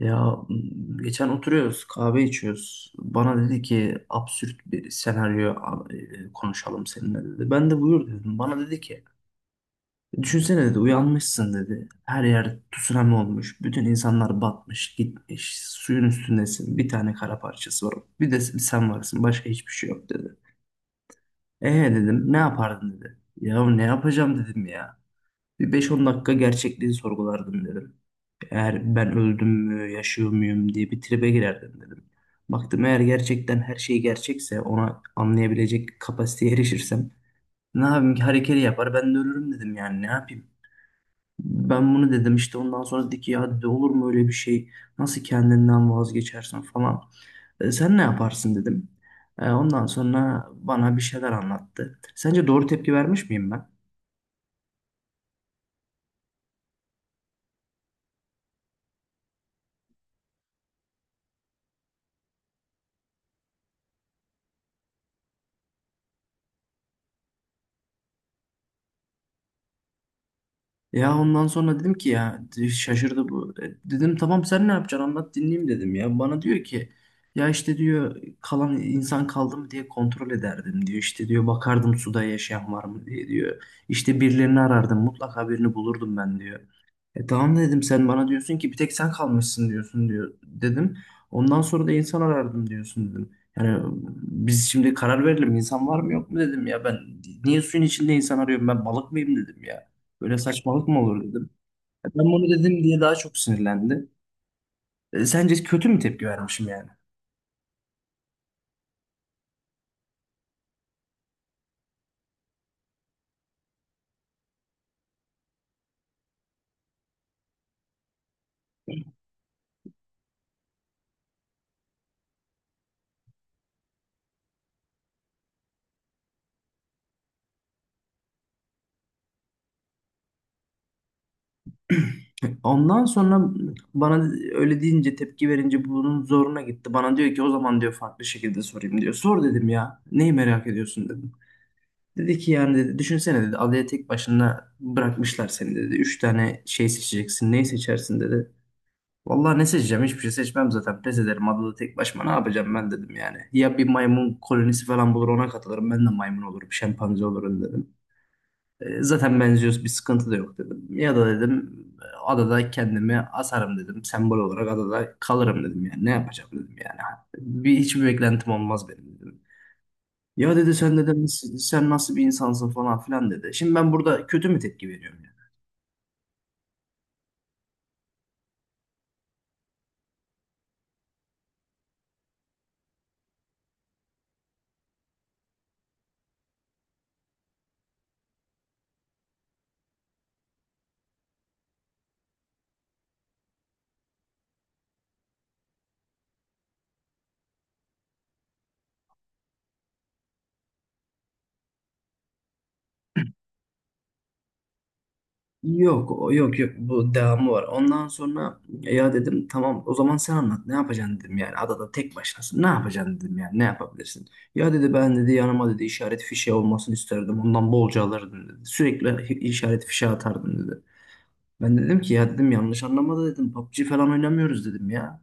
Ya geçen oturuyoruz, kahve içiyoruz. Bana dedi ki absürt bir senaryo konuşalım seninle dedi. Ben de buyur dedim. Bana dedi ki düşünsene dedi uyanmışsın dedi. Her yer tsunami olmuş. Bütün insanlar batmış, gitmiş. Suyun üstündesin. Bir tane kara parçası var. Bir de sen varsın. Başka hiçbir şey yok dedi. Dedim ne yapardın dedi. Ya ne yapacağım dedim ya. Bir beş on dakika gerçekliği sorgulardım dedim. Eğer ben öldüm mü, yaşıyor muyum diye bir tribe girerdim dedim. Baktım eğer gerçekten her şey gerçekse ona anlayabilecek kapasiteye erişirsem ne yapayım ki hareketi yapar ben de ölürüm dedim yani ne yapayım. Ben bunu dedim işte ondan sonra dedi ki ya dedi, olur mu öyle bir şey nasıl kendinden vazgeçersin falan. Sen ne yaparsın dedim. Ondan sonra bana bir şeyler anlattı. Sence doğru tepki vermiş miyim ben? Ya ondan sonra dedim ki ya şaşırdı bu. E, Dedim tamam sen ne yapacaksın anlat dinleyeyim dedim ya. Bana diyor ki ya işte diyor kalan insan kaldı mı diye kontrol ederdim diyor. İşte diyor bakardım suda yaşayan var mı diye diyor. İşte birilerini arardım mutlaka birini bulurdum ben diyor. E tamam dedim sen bana diyorsun ki bir tek sen kalmışsın diyorsun diyor dedim. Ondan sonra da insan arardım diyorsun dedim. Yani biz şimdi karar verelim insan var mı yok mu dedim ya ben niye suyun içinde insan arıyorum ben balık mıyım dedim ya. Böyle saçmalık mı olur dedim. E, Ben bunu dedim diye daha çok sinirlendi. E, sence kötü mü tepki vermişim yani? Ondan sonra bana öyle deyince tepki verince bunun zoruna gitti. Bana diyor ki o zaman diyor farklı şekilde sorayım diyor. Sor dedim ya. Neyi merak ediyorsun dedim. Dedi ki yani dedi, düşünsene dedi adaya tek başına bırakmışlar seni dedi. Üç tane şey seçeceksin. Neyi seçersin dedi. Vallahi ne seçeceğim? Hiçbir şey seçmem zaten. Pes ederim. Adada tek başıma ne yapacağım ben dedim yani. Ya bir maymun kolonisi falan bulur ona katılırım. Ben de maymun olurum. Şempanze olurum dedim. Zaten benziyoruz. Bir sıkıntı da yok dedim. Ya da dedim adada kendimi asarım dedim. Sembol olarak adada kalırım dedim yani. Ne yapacağım dedim yani. Bir, hiçbir beklentim olmaz benim dedim. Ya dedi sen dedim sen nasıl bir insansın falan filan dedi. Şimdi ben burada kötü mü tepki veriyorum? Yok yok bu devamı var. Ondan sonra ya dedim tamam o zaman sen anlat ne yapacaksın dedim yani adada tek başınasın ne yapacaksın dedim yani ne yapabilirsin. Ya dedi ben dedi yanıma dedi işaret fişeği olmasını isterdim ondan bolca alırdım dedi. Sürekli işaret fişeği atardım dedi. Ben dedim ki ya dedim yanlış anlamadı dedim PUBG falan oynamıyoruz dedim ya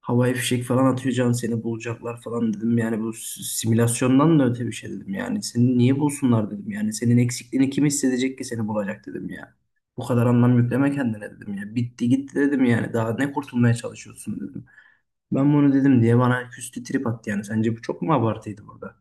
havaya fişek falan atacağım seni bulacaklar falan dedim. Yani bu simülasyondan da öte bir şey dedim. Yani seni niye bulsunlar dedim. Yani senin eksikliğini kim hissedecek ki seni bulacak dedim ya. Bu kadar anlam yükleme kendine dedim ya. Bitti gitti dedim yani. Daha ne kurtulmaya çalışıyorsun dedim. Ben bunu dedim diye bana küstü trip attı yani. Sence bu çok mu abartıydı burada?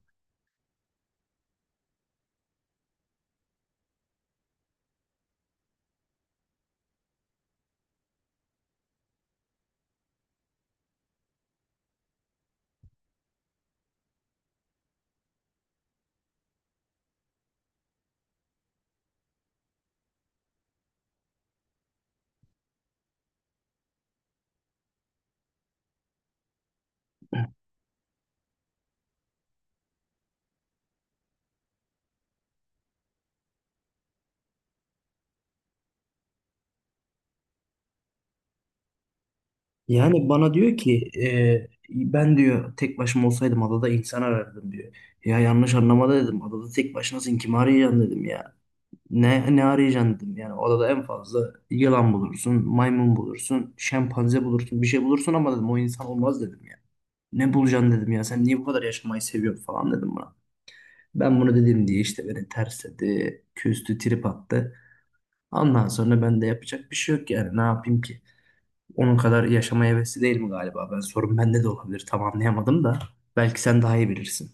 Yani bana diyor ki ben diyor tek başıma olsaydım adada insan arardım diyor. Ya yanlış anlama da dedim. Adada tek başınasın kim arayacaksın dedim ya. Ne arayacaksın dedim. Yani odada en fazla yılan bulursun, maymun bulursun, şempanze bulursun, bir şey bulursun ama dedim o insan olmaz dedim ya. Ne bulacaksın dedim ya sen niye bu kadar yaşamayı seviyorsun falan dedim buna. Ben bunu dedim diye işte beni tersledi, küstü, trip attı. Ondan sonra ben de yapacak bir şey yok yani ne yapayım ki? Onun kadar yaşamaya hevesli değil mi galiba? Ben sorun bende de olabilir tam anlayamadım da. Belki sen daha iyi bilirsin.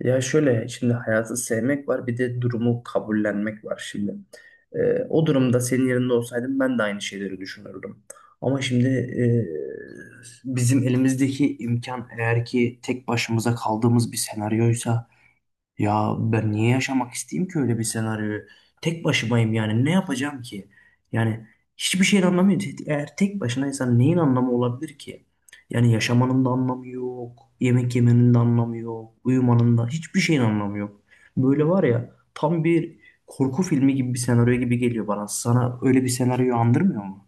Ya şöyle şimdi hayatı sevmek var bir de durumu kabullenmek var şimdi. O durumda senin yerinde olsaydım ben de aynı şeyleri düşünürdüm. Ama şimdi bizim elimizdeki imkan eğer ki tek başımıza kaldığımız bir senaryoysa ya ben niye yaşamak isteyeyim ki öyle bir senaryoyu? Tek başımayım yani ne yapacağım ki? Yani hiçbir şeyin anlamı yok. Eğer tek başınaysan neyin anlamı olabilir ki? Yani yaşamanın da anlamı yok. Yemek yemenin de anlamı yok. Uyumanın da hiçbir şeyin anlamı yok. Böyle var ya tam bir korku filmi gibi bir senaryo gibi geliyor bana. Sana öyle bir senaryoyu andırmıyor mu?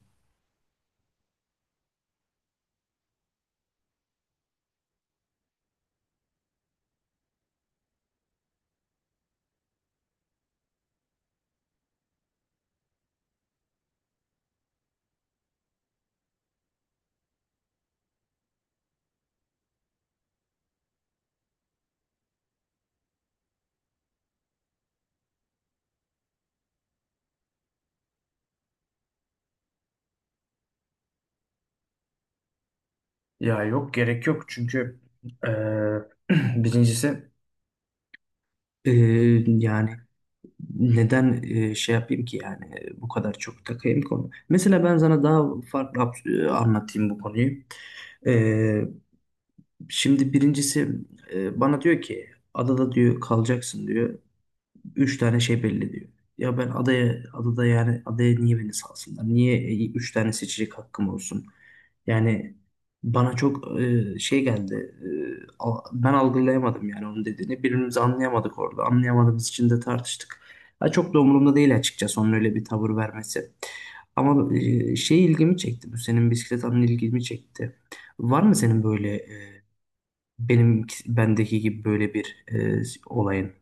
Ya yok gerek yok çünkü eee, birincisi Ee, yani neden şey yapayım ki yani bu kadar çok takayım konu. Mesela ben sana daha farklı anlatayım bu konuyu. E, Şimdi birincisi bana diyor ki adada diyor kalacaksın diyor. Üç tane şey belli diyor. Ya ben adaya, adada yani adaya niye beni salsınlar? Niye üç tane seçecek hakkım olsun? Yani bana çok şey geldi. Ben algılayamadım yani onun dediğini. Birbirimizi anlayamadık orada. Anlayamadığımız için de tartıştık. Ha, çok da umurumda değil açıkçası onun öyle bir tavır vermesi. Ama şey ilgimi çekti. Bu senin bisiklet anın ilgimi çekti. Var mı senin böyle benim bendeki gibi böyle bir olayın?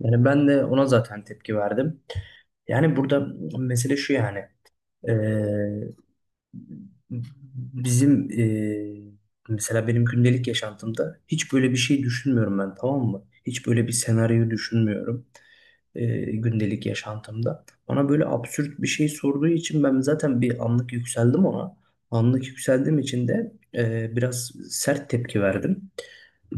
Yani ben de ona zaten tepki verdim. Yani burada mesele şu yani. eee, Bizim mesela benim gündelik yaşantımda hiç böyle bir şey düşünmüyorum ben tamam mı? Hiç böyle bir senaryo düşünmüyorum gündelik yaşantımda. Bana böyle absürt bir şey sorduğu için ben zaten bir anlık yükseldim ona. Anlık yükseldiğim için de biraz sert tepki verdim.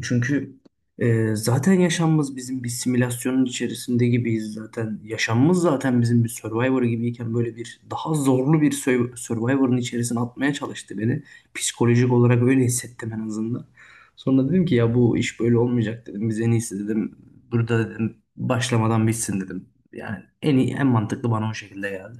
Çünkü zaten yaşamımız bizim bir simülasyonun içerisinde gibiyiz zaten. Yaşamımız zaten bizim bir Survivor gibiyken böyle bir daha zorlu bir Survivor'ın içerisine atmaya çalıştı beni. Psikolojik olarak öyle hissettim en azından. Sonra dedim ki ya bu iş böyle olmayacak dedim. Biz en iyisi dedim. Burada dedim başlamadan bitsin dedim. Yani en iyi, en mantıklı bana o şekilde geldi.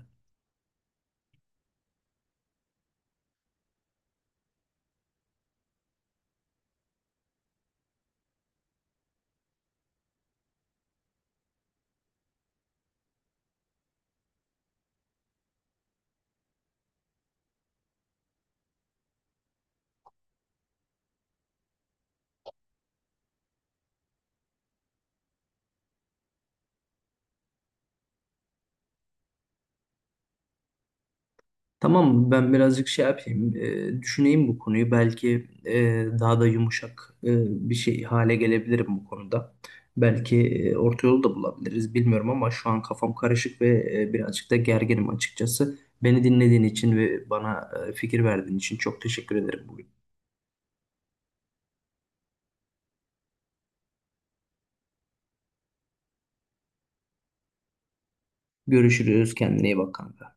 Tamam, ben birazcık şey yapayım, düşüneyim bu konuyu. Belki daha da yumuşak bir şey hale gelebilirim bu konuda. Belki orta yolu da bulabiliriz, bilmiyorum ama şu an kafam karışık ve birazcık da gerginim açıkçası. Beni dinlediğin için ve bana fikir verdiğin için çok teşekkür ederim bugün. Görüşürüz, kendine iyi bak kanka.